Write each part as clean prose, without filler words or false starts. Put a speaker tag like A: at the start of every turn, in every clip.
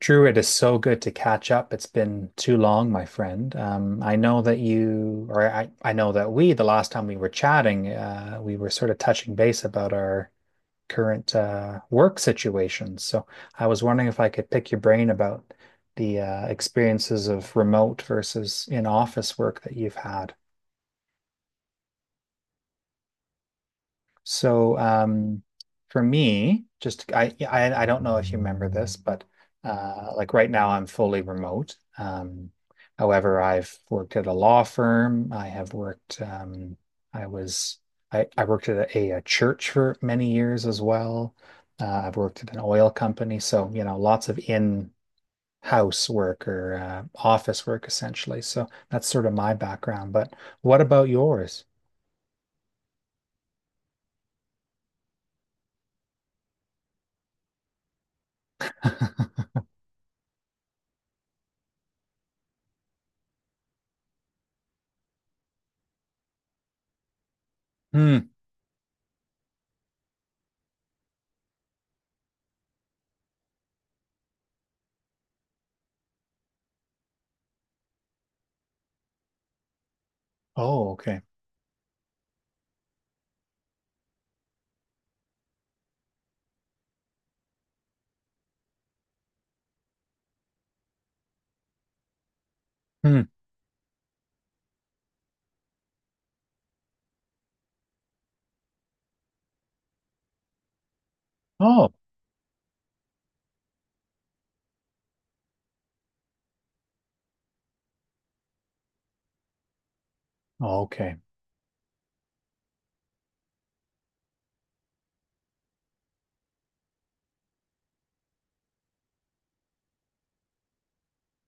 A: Drew, it is so good to catch up. It's been too long, my friend. I know that you, or I know that we, the last time we were chatting, we were sort of touching base about our current work situations. So I was wondering if I could pick your brain about the experiences of remote versus in-office work that you've had. So, for me, yeah, I don't know if you remember this, but like right now I'm fully remote. However, I've worked at a law firm. I have worked. I was I worked at a church for many years as well. I've worked at an oil company, so lots of in-house work or office work essentially. So that's sort of my background. But what about yours? Hmm. Oh, okay. Hmm. Oh, okay.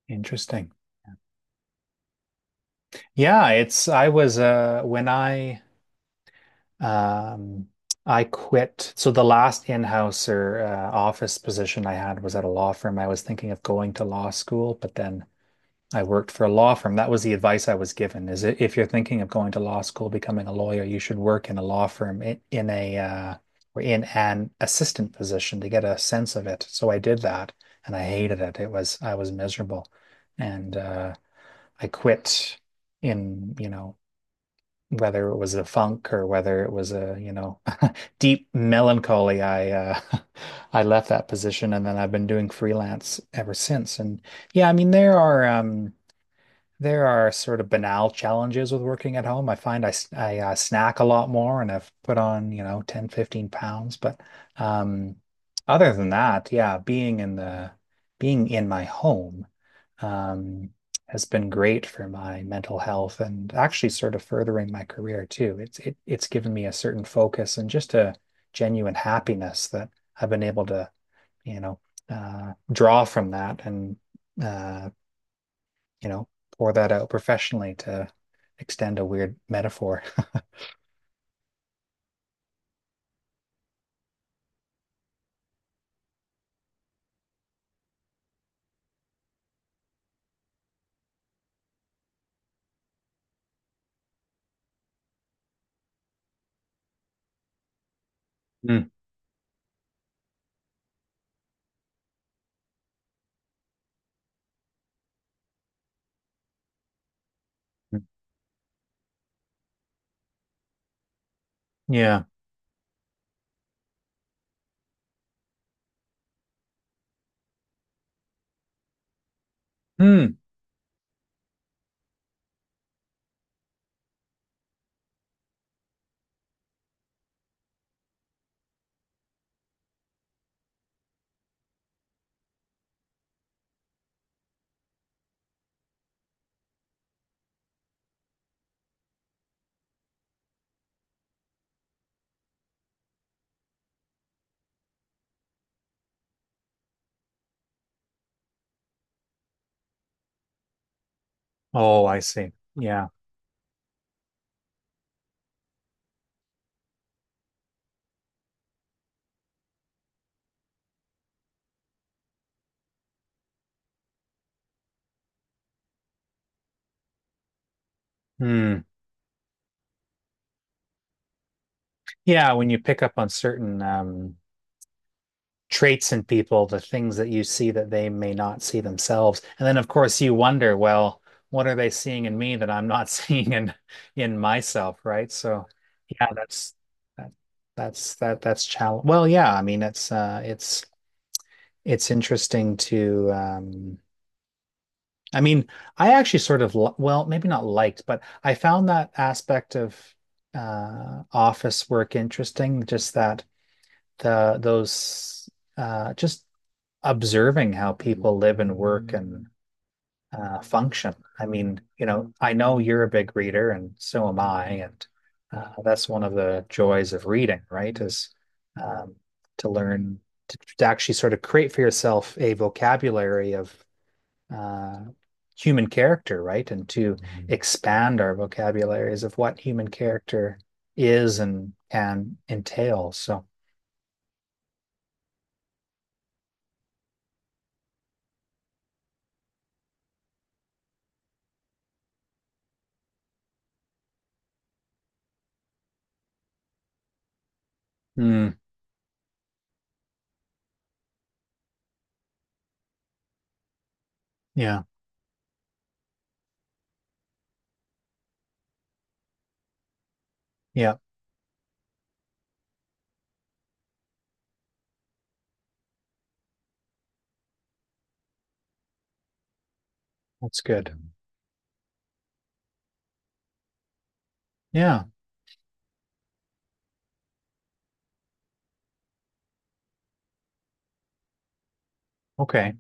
A: Interesting. Yeah, it's I was when um I quit. So the last in-houser office position I had was at a law firm. I was thinking of going to law school, but then I worked for a law firm. That was the advice I was given. Is it If you're thinking of going to law school, becoming a lawyer, you should work in a law firm, in a or in an assistant position to get a sense of it. So I did that and I hated it. It was I was miserable. And I quit in, you know, whether it was a funk or whether it was a, deep melancholy. I I left that position, and then I've been doing freelance ever since. And yeah, I mean, there are sort of banal challenges with working at home. I find I snack a lot more and I've put on, 10, 15 pounds. But um, other than that, yeah, being in my home um, has been great for my mental health, and actually sort of furthering my career too. It's given me a certain focus and just a genuine happiness that I've been able to, you know, draw from that and, uh, you know, pour that out professionally to extend a weird metaphor. Mm, yeah. Hmm. Oh, I see. Yeah. Hmm. Yeah, when you pick up on certain traits in people, the things that you see that they may not see themselves. And then, of course, you wonder, well, what are they seeing in me that I'm not seeing in myself, right? So, yeah, that, that's challenge. Well, yeah, I mean, it's interesting to. I mean, I actually sort of well, maybe not liked, but I found that aspect of office work interesting. Just that the those just observing how people live and work and function. I mean, I know you're a big reader, and so am I, and that's one of the joys of reading, right? Is um, to learn to actually sort of create for yourself a vocabulary of uh, human character, right? And to expand our vocabularies of what human character is and can entail. So, mm, yeah, yeah, that's good. Yeah, okay.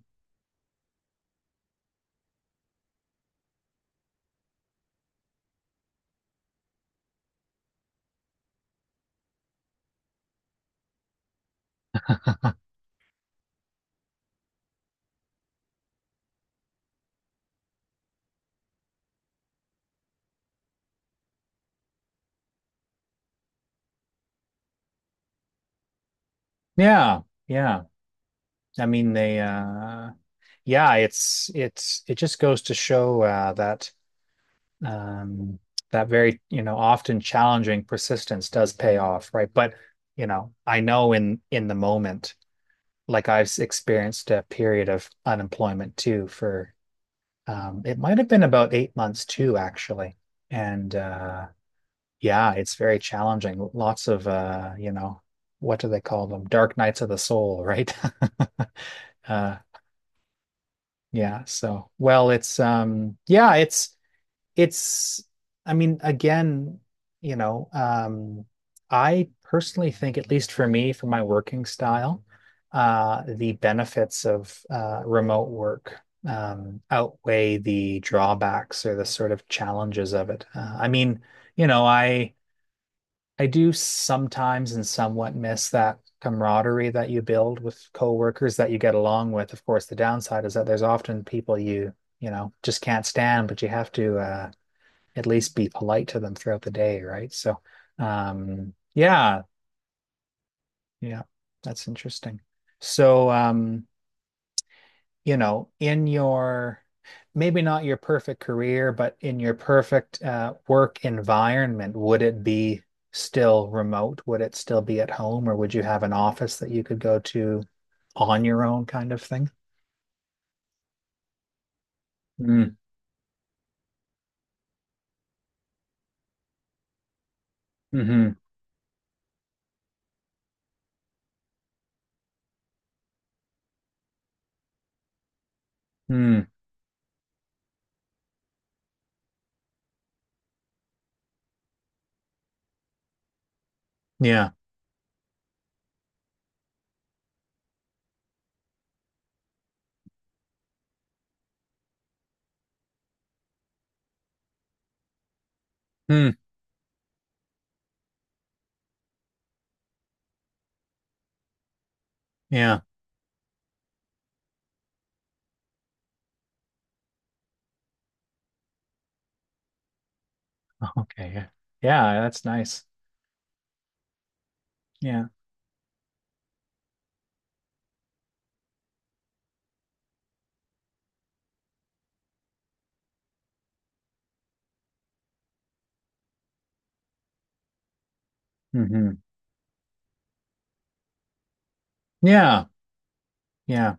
A: Yeah, yeah. I mean, they yeah, it's it just goes to show um that very, often challenging, persistence does pay off, right? But, I know in the moment, like I've experienced a period of unemployment too for it might have been about 8 months too, actually. And yeah, it's very challenging. Lots of, what do they call them? Dark nights of the soul, right? Uh, Yeah. So, well, it's yeah, it's I mean, again, you know, um I personally think, at least for me, for my working style, the benefits of remote work outweigh the drawbacks or the sort of challenges of it. I mean, you know, I I do sometimes and somewhat miss that camaraderie that you build with coworkers that you get along with. Of course, the downside is that there's often people you, just can't stand, but you have to at least be polite to them throughout the day, right? So, yeah, yeah, that's interesting. So, in your, maybe not your perfect career, but in your perfect work environment, would it be still remote? Would it still be at home, or would you have an office that you could go to on your own kind of thing? Mm, mm-hmm, mm, yeah, mm, yeah. Okay, yeah, yeah. That's nice. Yeah, mm-hmm, yeah, yeah.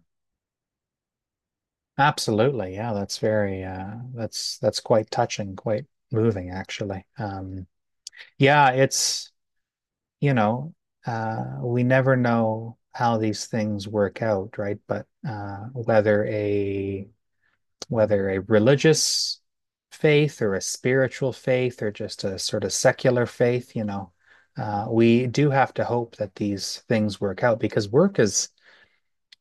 A: Absolutely. Yeah, that's very that's quite touching, quite moving actually. Yeah, you know, we never know how these things work out, right? But whether a religious faith or a spiritual faith or just a sort of secular faith, we do have to hope that these things work out, because work is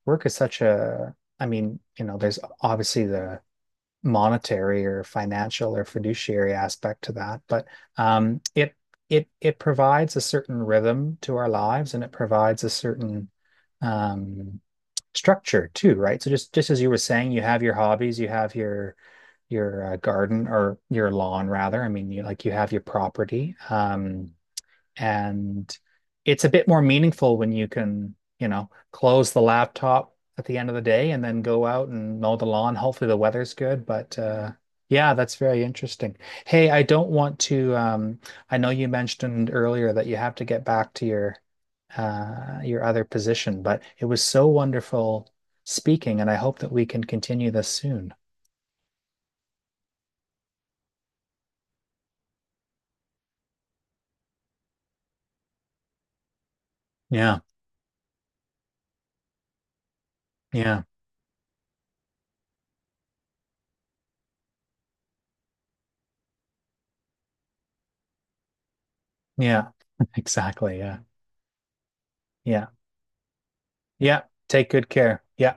A: work is such a, I mean, there's obviously the monetary or financial or fiduciary aspect to that, but um, it it provides a certain rhythm to our lives, and it provides a certain um, structure too, right? So just as you were saying, you have your hobbies, you have your garden, or your lawn rather. I mean, you like you have your property. And it's a bit more meaningful when you can, close the laptop at the end of the day and then go out and mow the lawn. Hopefully the weather's good, but yeah, that's very interesting. Hey, I don't want to. I know you mentioned earlier that you have to get back to your other position, but it was so wonderful speaking, and I hope that we can continue this soon. Yeah. Yeah. Yeah. Exactly. Yeah. Yeah. Yeah. Take good care. Yeah.